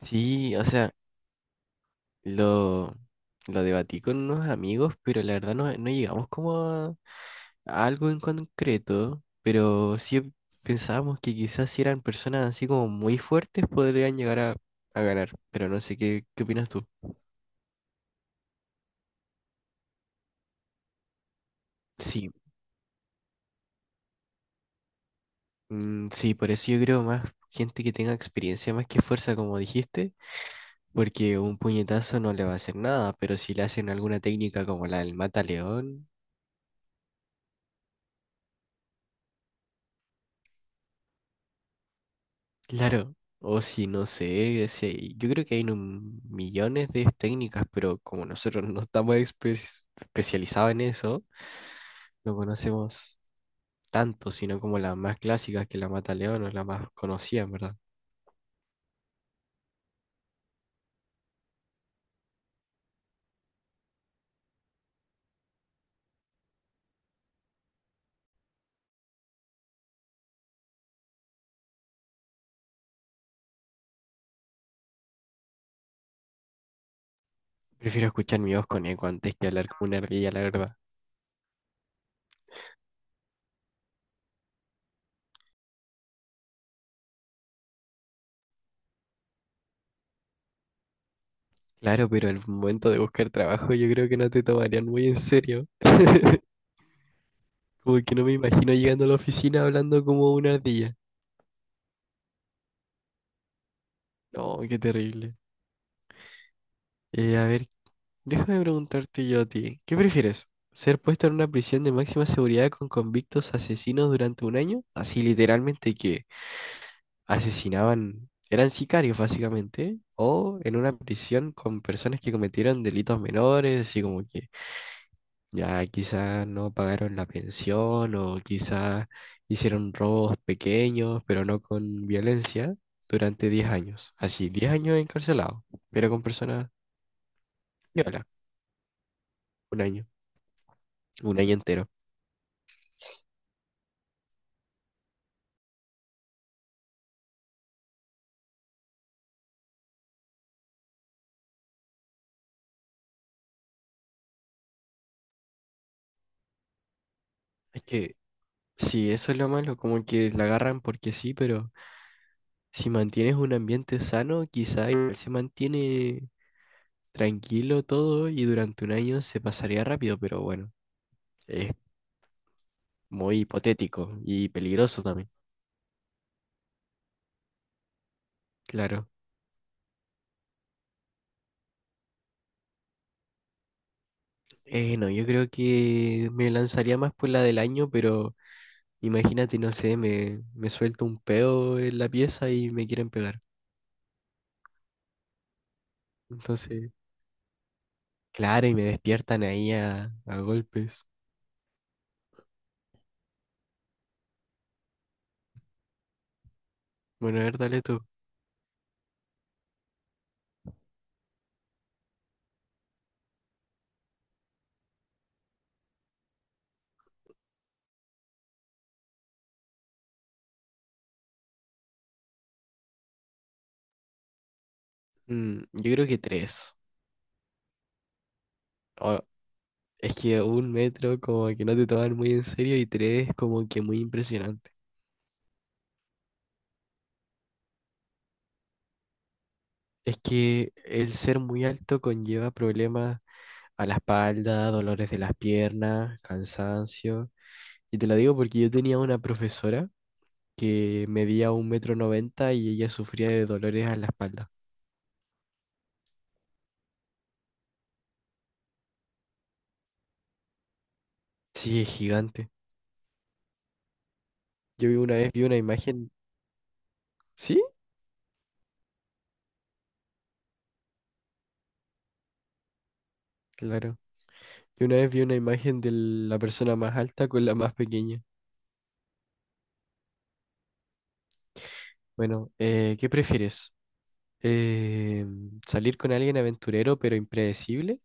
Sí, o sea, lo, lo debatí con unos amigos, pero la verdad no, no llegamos como a algo en concreto, pero sí pensábamos que quizás si eran personas así como muy fuertes podrían llegar a ganar, pero no sé, ¿qué opinas tú? Sí, mm, sí, por eso yo creo más gente que tenga experiencia más que fuerza, como dijiste, porque un puñetazo no le va a hacer nada, pero si le hacen alguna técnica como la del mata león. Claro, o si no sé, si yo creo que hay millones de técnicas, pero como nosotros no estamos especializados en eso, no conocemos tanto, sino como las más clásicas que la mata león o la más conocida, en verdad. Prefiero escuchar mi voz con eco antes que hablar con una ardilla, la verdad. Claro, pero el momento de buscar trabajo yo creo que no te tomarían muy en serio. Como que no me imagino llegando a la oficina hablando como una ardilla. No, qué terrible. A ver, déjame preguntarte yo a ti, ¿qué prefieres? ¿Ser puesto en una prisión de máxima seguridad con convictos asesinos durante un año? Así literalmente que asesinaban, eran sicarios básicamente, ¿eh? O en una prisión con personas que cometieron delitos menores, así como que ya quizás no pagaron la pensión o quizás hicieron robos pequeños, pero no con violencia, durante 10 años. Así, 10 años encarcelados, pero con personas viola, un año, un año entero. Es que sí, eso es lo malo, como que la agarran porque sí, pero si mantienes un ambiente sano, quizá igual se mantiene tranquilo todo y durante un año se pasaría rápido, pero bueno, es muy hipotético y peligroso también. Claro. No, yo creo que me lanzaría más por la del año, pero imagínate, no sé, me suelto un peo en la pieza y me quieren pegar. Entonces, claro, y me despiertan ahí a golpes. Bueno, a ver, dale tú. Yo creo que tres. O, Es que un metro como que no te toman muy en serio y tres como que muy impresionante. Es que el ser muy alto conlleva problemas a la espalda, dolores de las piernas, cansancio. Y te lo digo porque yo tenía una profesora que medía 1,90 m y ella sufría de dolores a la espalda. Sí, es gigante. Yo vi una vez Vi una imagen. Sí, claro. Yo una vez vi una imagen de la persona más alta con la más pequeña. Bueno, ¿qué prefieres? Eh, Salir con alguien aventurero pero impredecible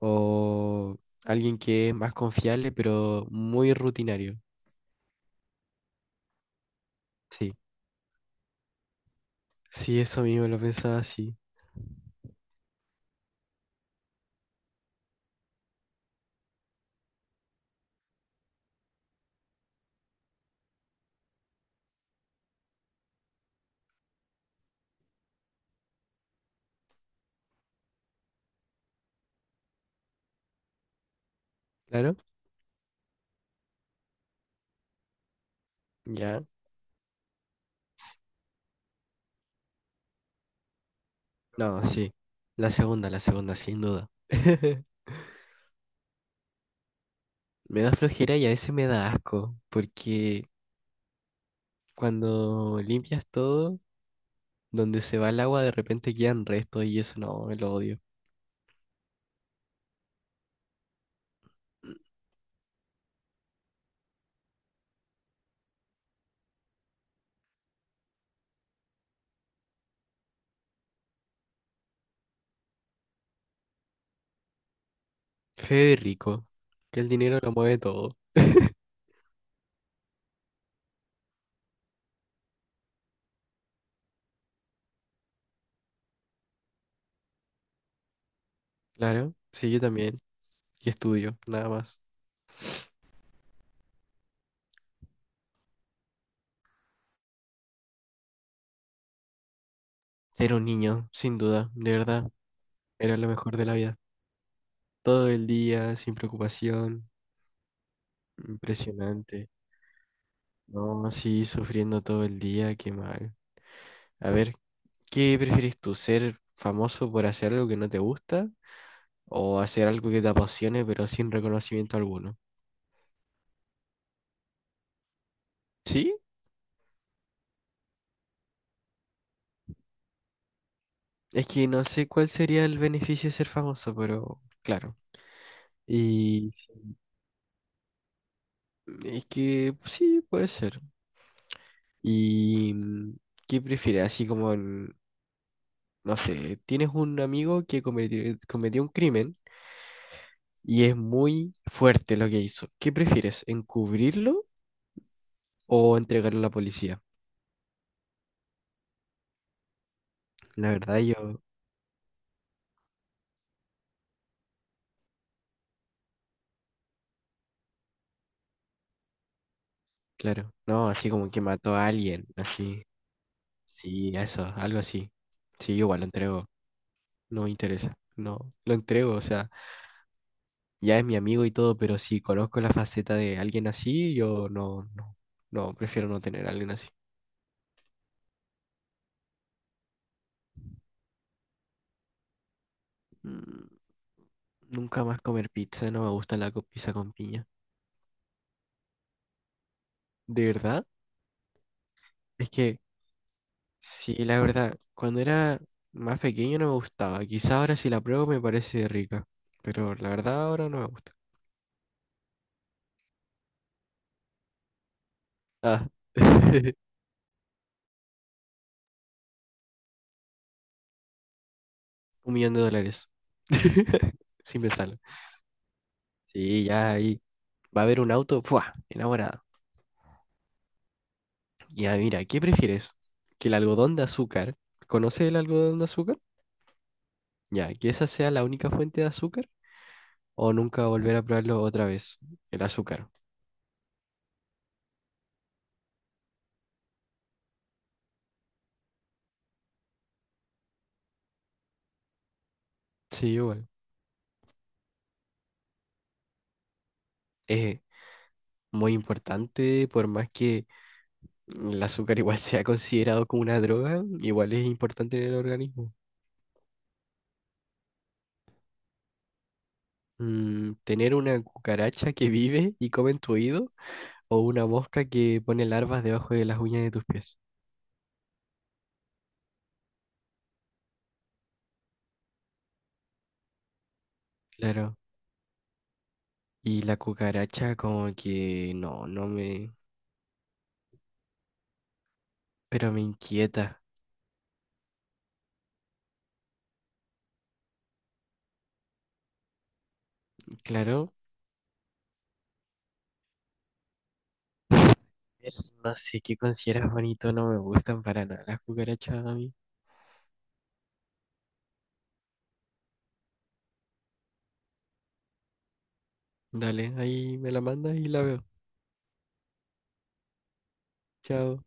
o alguien que es más confiable pero muy rutinario. Sí, sí, eso mismo lo pensaba así. Claro, ya. No, sí. La segunda, sin duda. Me da flojera y a veces me da asco, porque cuando limpias todo, donde se va el agua de repente quedan restos y eso no, me lo odio. Feo y rico, que el dinero lo mueve todo. Claro, sí, yo también. Y estudio, nada más. Era un niño, sin duda, de verdad, era lo mejor de la vida. Todo el día, sin preocupación, impresionante. No, sí, sufriendo todo el día, qué mal. A ver, ¿qué prefieres tú? ¿Ser famoso por hacer algo que no te gusta o hacer algo que te apasione pero sin reconocimiento alguno? ¿Sí? Es que no sé cuál sería el beneficio de ser famoso, pero claro. Y s- es que sí, puede ser. ¿Y qué prefieres? Así como en no sé, tienes un amigo que cometió un crimen y es muy fuerte lo que hizo. ¿Qué prefieres, encubrirlo o entregarlo a la policía? La verdad yo, claro, no, así como que mató a alguien, así, sí, eso, algo así. Sí, yo igual lo entrego, no me interesa, no, lo entrego, o sea, ya es mi amigo y todo, pero si conozco la faceta de alguien así, yo no, no, no, prefiero no tener a alguien así. Mm, Nunca más comer pizza, no me gusta la pizza con piña. ¿De verdad? Es que, sí, la verdad, cuando era más pequeño no me gustaba. Quizá ahora si la pruebo me parece rica, pero la verdad ahora no me gusta. Ah, $1 millón. Sin pensarlo. Sí, ya ahí va a haber un auto, ¡fua! Enamorado. Ya, mira, ¿qué prefieres? ¿Que el algodón de azúcar, conoces el algodón de azúcar? Ya, ¿que esa sea la única fuente de azúcar? ¿O nunca volver a probarlo otra vez, el azúcar? Sí, igual. Es muy importante, por más que el azúcar igual se ha considerado como una droga, igual es importante en el organismo. Tener una cucaracha que vive y come en tu oído o una mosca que pone larvas debajo de las uñas de tus pies. Claro. Y la cucaracha como que no, no me... Pero me inquieta. Claro. Pero no sé qué consideras bonito, no me gustan para nada las cucarachas a mí. Dale, ahí me la mandas y la veo. Chao.